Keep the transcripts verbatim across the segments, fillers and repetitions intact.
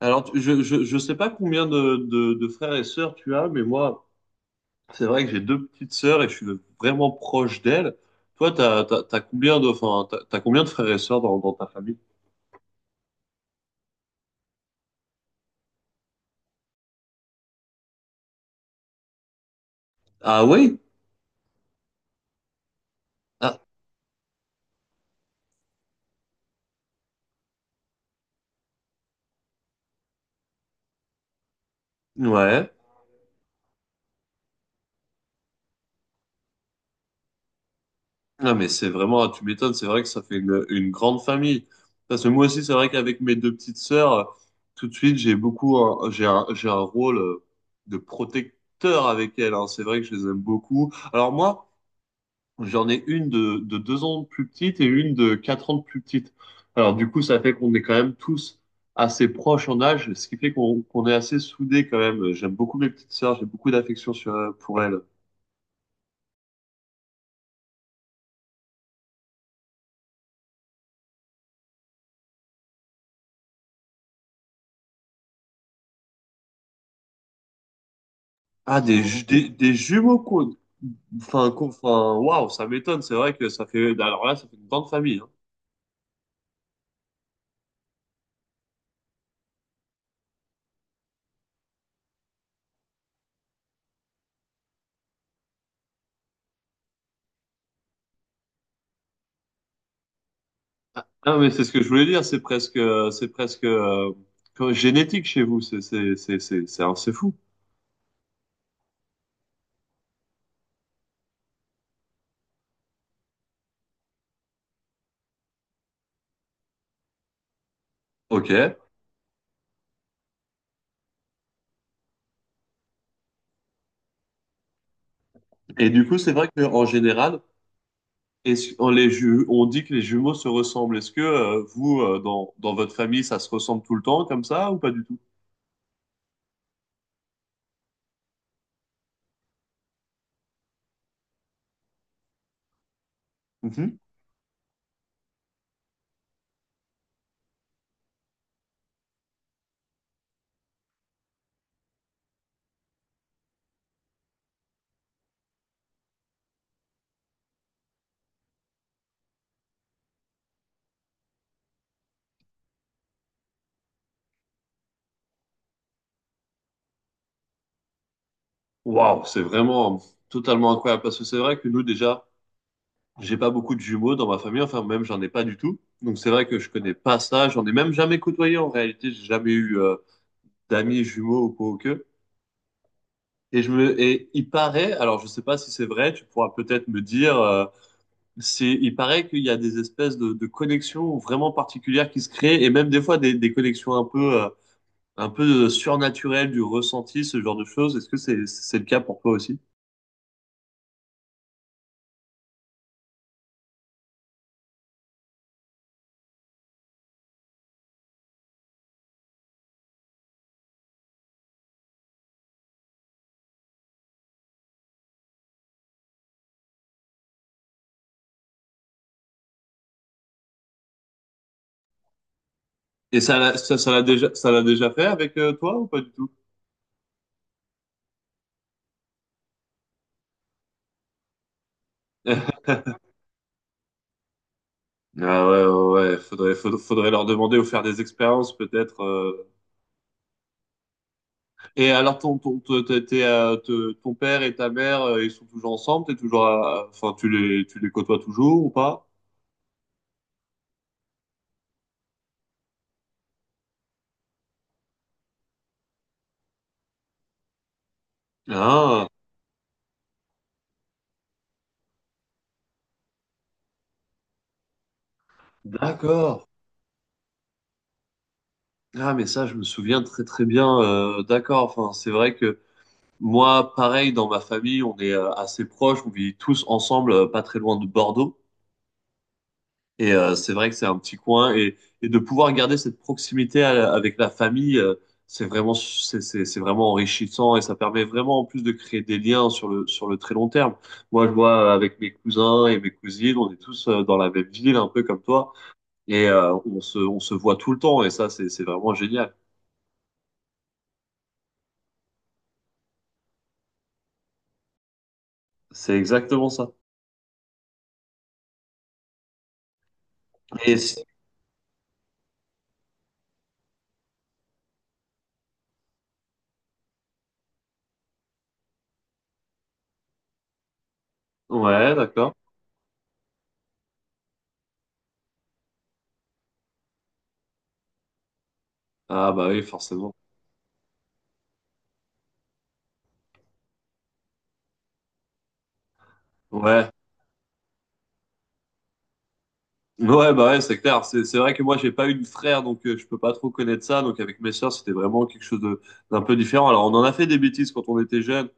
Alors, tu- je, je, je sais pas combien de, de, de frères et sœurs tu as, mais moi, c'est vrai que j'ai deux petites sœurs et je suis vraiment proche d'elles. Toi, t'as, t'as, t'as combien de, enfin, t'as, t'as combien de frères et sœurs dans, dans ta famille? Ah oui? Ah, ouais. Non, mais c'est vraiment, ah, tu m'étonnes, c'est vrai que ça fait une, une grande famille. Parce que moi aussi, c'est vrai qu'avec mes deux petites sœurs, euh, tout de suite, j'ai beaucoup, un- j'ai un, j'ai un rôle euh, de protecteur avec elles, hein. C'est vrai que je les aime beaucoup. Alors moi, j'en ai une de, de deux ans de plus petite et une de quatre ans de plus petite. Alors du coup, ça fait qu'on est quand même tous assez proches en âge, ce qui fait qu'on qu'on est assez soudés quand même. J'aime beaucoup mes petites sœurs, j'ai beaucoup d'affection sur euh, pour elles. Ah des ju- des, des jumeaux quoi. Enfin quoi, enfin waouh, ça m'étonne. C'est vrai que ça fait alors là, ça fait une grande famille, hein. Ah mais c'est ce que je voulais dire. C'est presque euh, c'est presque euh, comme génétique chez vous. C'est c'est c'est c'est c'est c'est fou. Ok. Et du coup, c'est vrai qu'en général. Est-ce, on, les ju- On dit que les jumeaux se ressemblent. Est-ce que euh, vous, euh, dans, dans votre famille, ça se ressemble tout le temps comme ça ou pas du tout? Mhm. Waouh, c'est vraiment totalement incroyable parce que c'est vrai que nous déjà, j'ai pas beaucoup de jumeaux dans ma famille, enfin même j'en ai pas du tout. Donc c'est vrai que je connais pas ça, j'en ai même jamais côtoyé en réalité, j'ai jamais eu euh, d'amis jumeaux ou quoi que. Et je me et il paraît, alors je sais pas si c'est vrai, tu pourras peut-être me dire euh, c'est, il paraît qu'il y a des espèces de, de connexions vraiment particulières qui se créent et même des fois des, des connexions un peu, euh, un peu surnaturelles du ressenti, ce genre de choses. Est-ce que c'est, c'est le cas pour toi aussi? Et ça, l'a- ça, ça l'a déjà, ça l'a déjà fait avec euh, toi ou pas du tout? Ah ouais, ouais, ouais. Faudrait, faudrait, faudrait leur demander ou faire des expériences peut-être, euh. Et alors ton, ton, ton, t'es- t'es, euh, te- ton père et ta mère, euh, ils sont toujours ensemble? T'es toujours, à- enfin, tu les, tu les côtoies toujours ou pas? Ah, d'accord. Ah, mais ça, je me souviens très très bien, euh, d'accord. Enfin, c'est vrai que moi, pareil, dans ma famille, on est euh, assez proches. On vit tous ensemble, euh, pas très loin de Bordeaux. Et euh, c'est vrai que c'est un petit coin. Et, et de pouvoir garder cette proximité à avec la famille, euh, c'est vraiment, c'est c'est- c'est vraiment enrichissant. Et ça permet vraiment, en plus, de créer des liens sur le sur le très long terme. Moi, je vois euh, avec mes cousins et mes cousines, on est tous euh, dans la même ville, un peu comme toi. Et euh, on se on se voit tout le temps. Et ça, c'est c'est vraiment génial. C'est exactement ça. Et c- ouais, d'accord. Ah bah oui, forcément. Ouais. Ouais, bah ouais, c'est clair. C'est c'est vrai que moi, j'ai pas eu de frère, donc euh, je peux pas trop connaître ça. Donc avec mes sœurs, c'était vraiment quelque chose de d'un peu différent. Alors on en a fait des bêtises quand on était jeunes,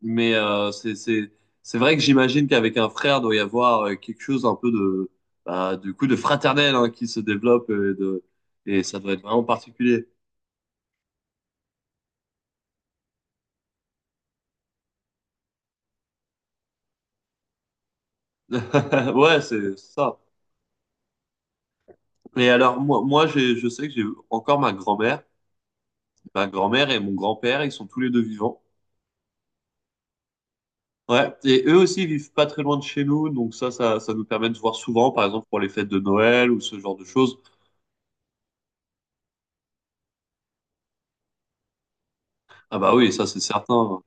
mais euh, c'est c'est c'est vrai que j'imagine qu'avec un frère, doit y avoir euh, quelque chose un peu de bah, du coup de fraternel hein, qui se développe euh, et de et ça doit être vraiment particulier. Ouais, c'est ça. Et alors moi, moi, j'ai- je sais que j'ai encore ma grand-mère. Ma grand-mère et mon grand-père, ils sont tous les deux vivants. Ouais, et eux aussi ils vivent pas très loin de chez nous, donc ça, ça, ça nous permet de se voir souvent, par exemple pour les fêtes de Noël ou ce genre de choses. Ah bah oui, ça c'est certain.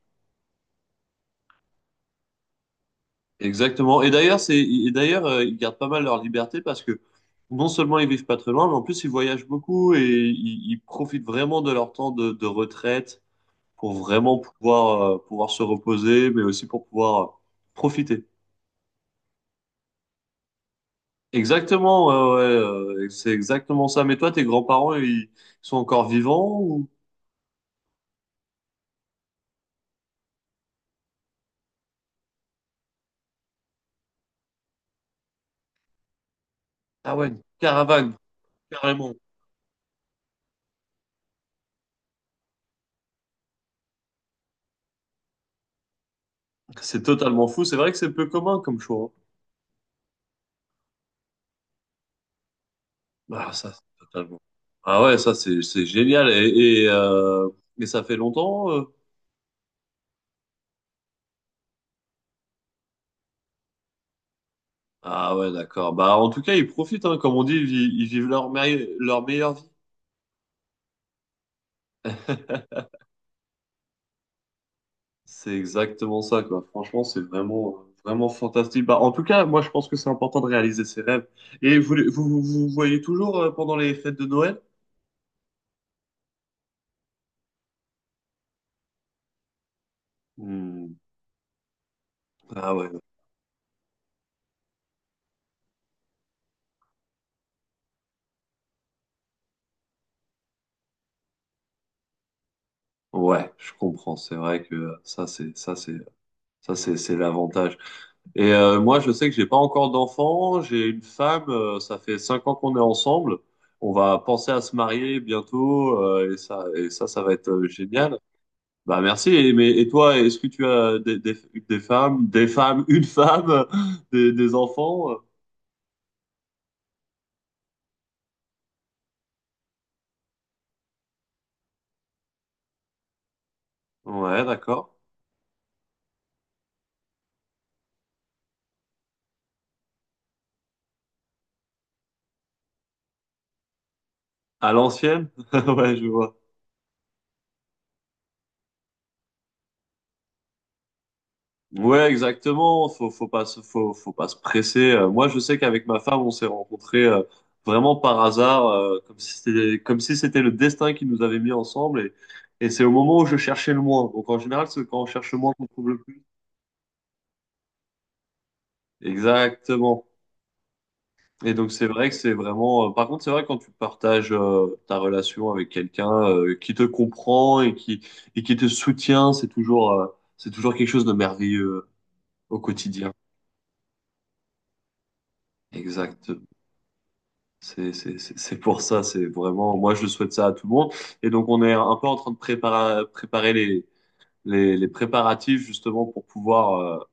Exactement. Et d'ailleurs, c'est, et d'ailleurs, euh, ils gardent pas mal leur liberté parce que non seulement ils vivent pas très loin, mais en plus ils voyagent beaucoup et ils, ils profitent vraiment de leur temps de, de retraite pour vraiment pouvoir, euh, pouvoir se reposer, mais aussi pour pouvoir euh, profiter. Exactement, ouais, ouais, euh, c'est exactement ça. Mais toi, tes grands-parents, ils sont encore vivants ou... Ah ouais, une caravane, carrément. C'est totalement fou. C'est vrai que c'est peu commun comme choix, hein. Ah, ça, c'est totalement. Ah ouais, ça, c'est, c'est génial. Et, et, euh, et ça fait longtemps, euh Ah ouais, d'accord. Bah, en tout cas, ils profitent, hein. Comme on dit, ils, vi- ils vivent leur, meille- leur meilleure vie. C'est exactement ça, quoi. Franchement, c'est vraiment, euh, vraiment fantastique. Bah, en tout cas, moi, je pense que c'est important de réaliser ses rêves. Et vous, les- vous, vous, vous voyez toujours euh, pendant les fêtes de Noël? Hmm. Ah ouais, ouais, je comprends. C'est vrai que ça, c'est, ça, c'est, ça, c'est, c'est l'avantage. Et euh, moi, je sais que j'ai pas encore d'enfant. J'ai une femme, euh, ça fait cinq ans qu'on est ensemble. On va penser à se marier bientôt, euh, et ça, et ça, ça va être euh, génial. Bah merci. Et, mais, et toi, est-ce que tu as des, des, des femmes, des femmes, une femme, des, des enfants? Ouais, d'accord. À l'ancienne? Ouais, je vois. Ouais, exactement. Faut, faut pas se, faut, faut pas se presser. Euh, Moi, je sais qu'avec ma femme, on s'est rencontrés euh, vraiment par hasard, euh, comme si c'était, comme si c'était le destin qui nous avait mis ensemble. Et, et c'est au moment où je cherchais le moins. Donc en général, c'est quand on cherche le moins qu'on trouve le plus. Exactement. Et donc c'est vrai que c'est vraiment, euh, par contre, c'est vrai quand tu partages euh, ta relation avec quelqu'un euh, qui te comprend et qui et qui te soutient, c'est toujours euh, c'est toujours quelque chose de merveilleux euh, au quotidien. Exact. C'est c'est c'est c'est pour ça. C'est vraiment. Moi, je souhaite ça à tout le monde. Et donc on est un peu en train de préparer préparer les les, les préparatifs justement pour pouvoir euh,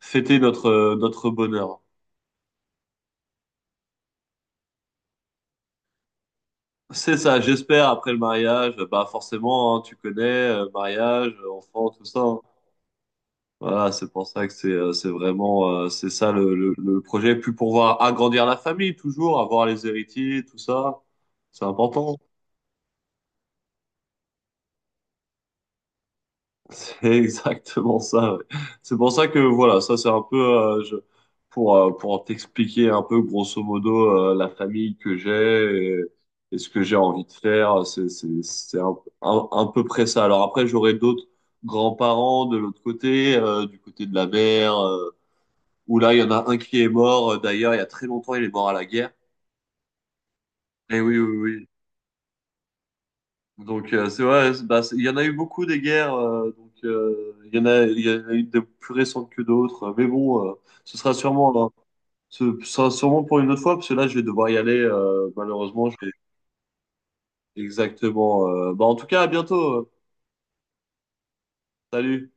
fêter notre euh, notre bonheur. C'est ça, j'espère, après le mariage, bah forcément, hein, tu connais, euh, mariage, enfant, tout ça, hein. Voilà, c'est pour ça que c'est euh, c'est vraiment euh, c'est ça le, le, le projet. Puis pour voir agrandir la famille, toujours avoir les héritiers, tout ça, c'est important. C'est exactement ça, ouais. C'est pour ça que voilà, ça c'est un peu euh, je, pour euh, pour t'expliquer un peu grosso modo euh, la famille que j'ai et, et ce que j'ai envie de faire. C'est c'est c'est un, un, un peu près ça. Alors après j'aurai d'autres grands-parents de l'autre côté, euh, du côté de la mère, euh, où là, il y en a un qui est mort, euh, d'ailleurs, il y a très longtemps, il est mort à la guerre. Et oui, oui, oui. Donc, euh, c'est vrai, c'est- bah, c'est- il y en a eu beaucoup des guerres, euh, donc, euh, il y en a, il y en a eu des plus récentes que d'autres. Mais bon, euh, ce sera sûrement, hein, ce sera sûrement pour une autre fois, parce que là, je vais devoir y aller, euh, malheureusement, je vais- exactement, euh, bah, en tout cas, à bientôt, euh. Salut.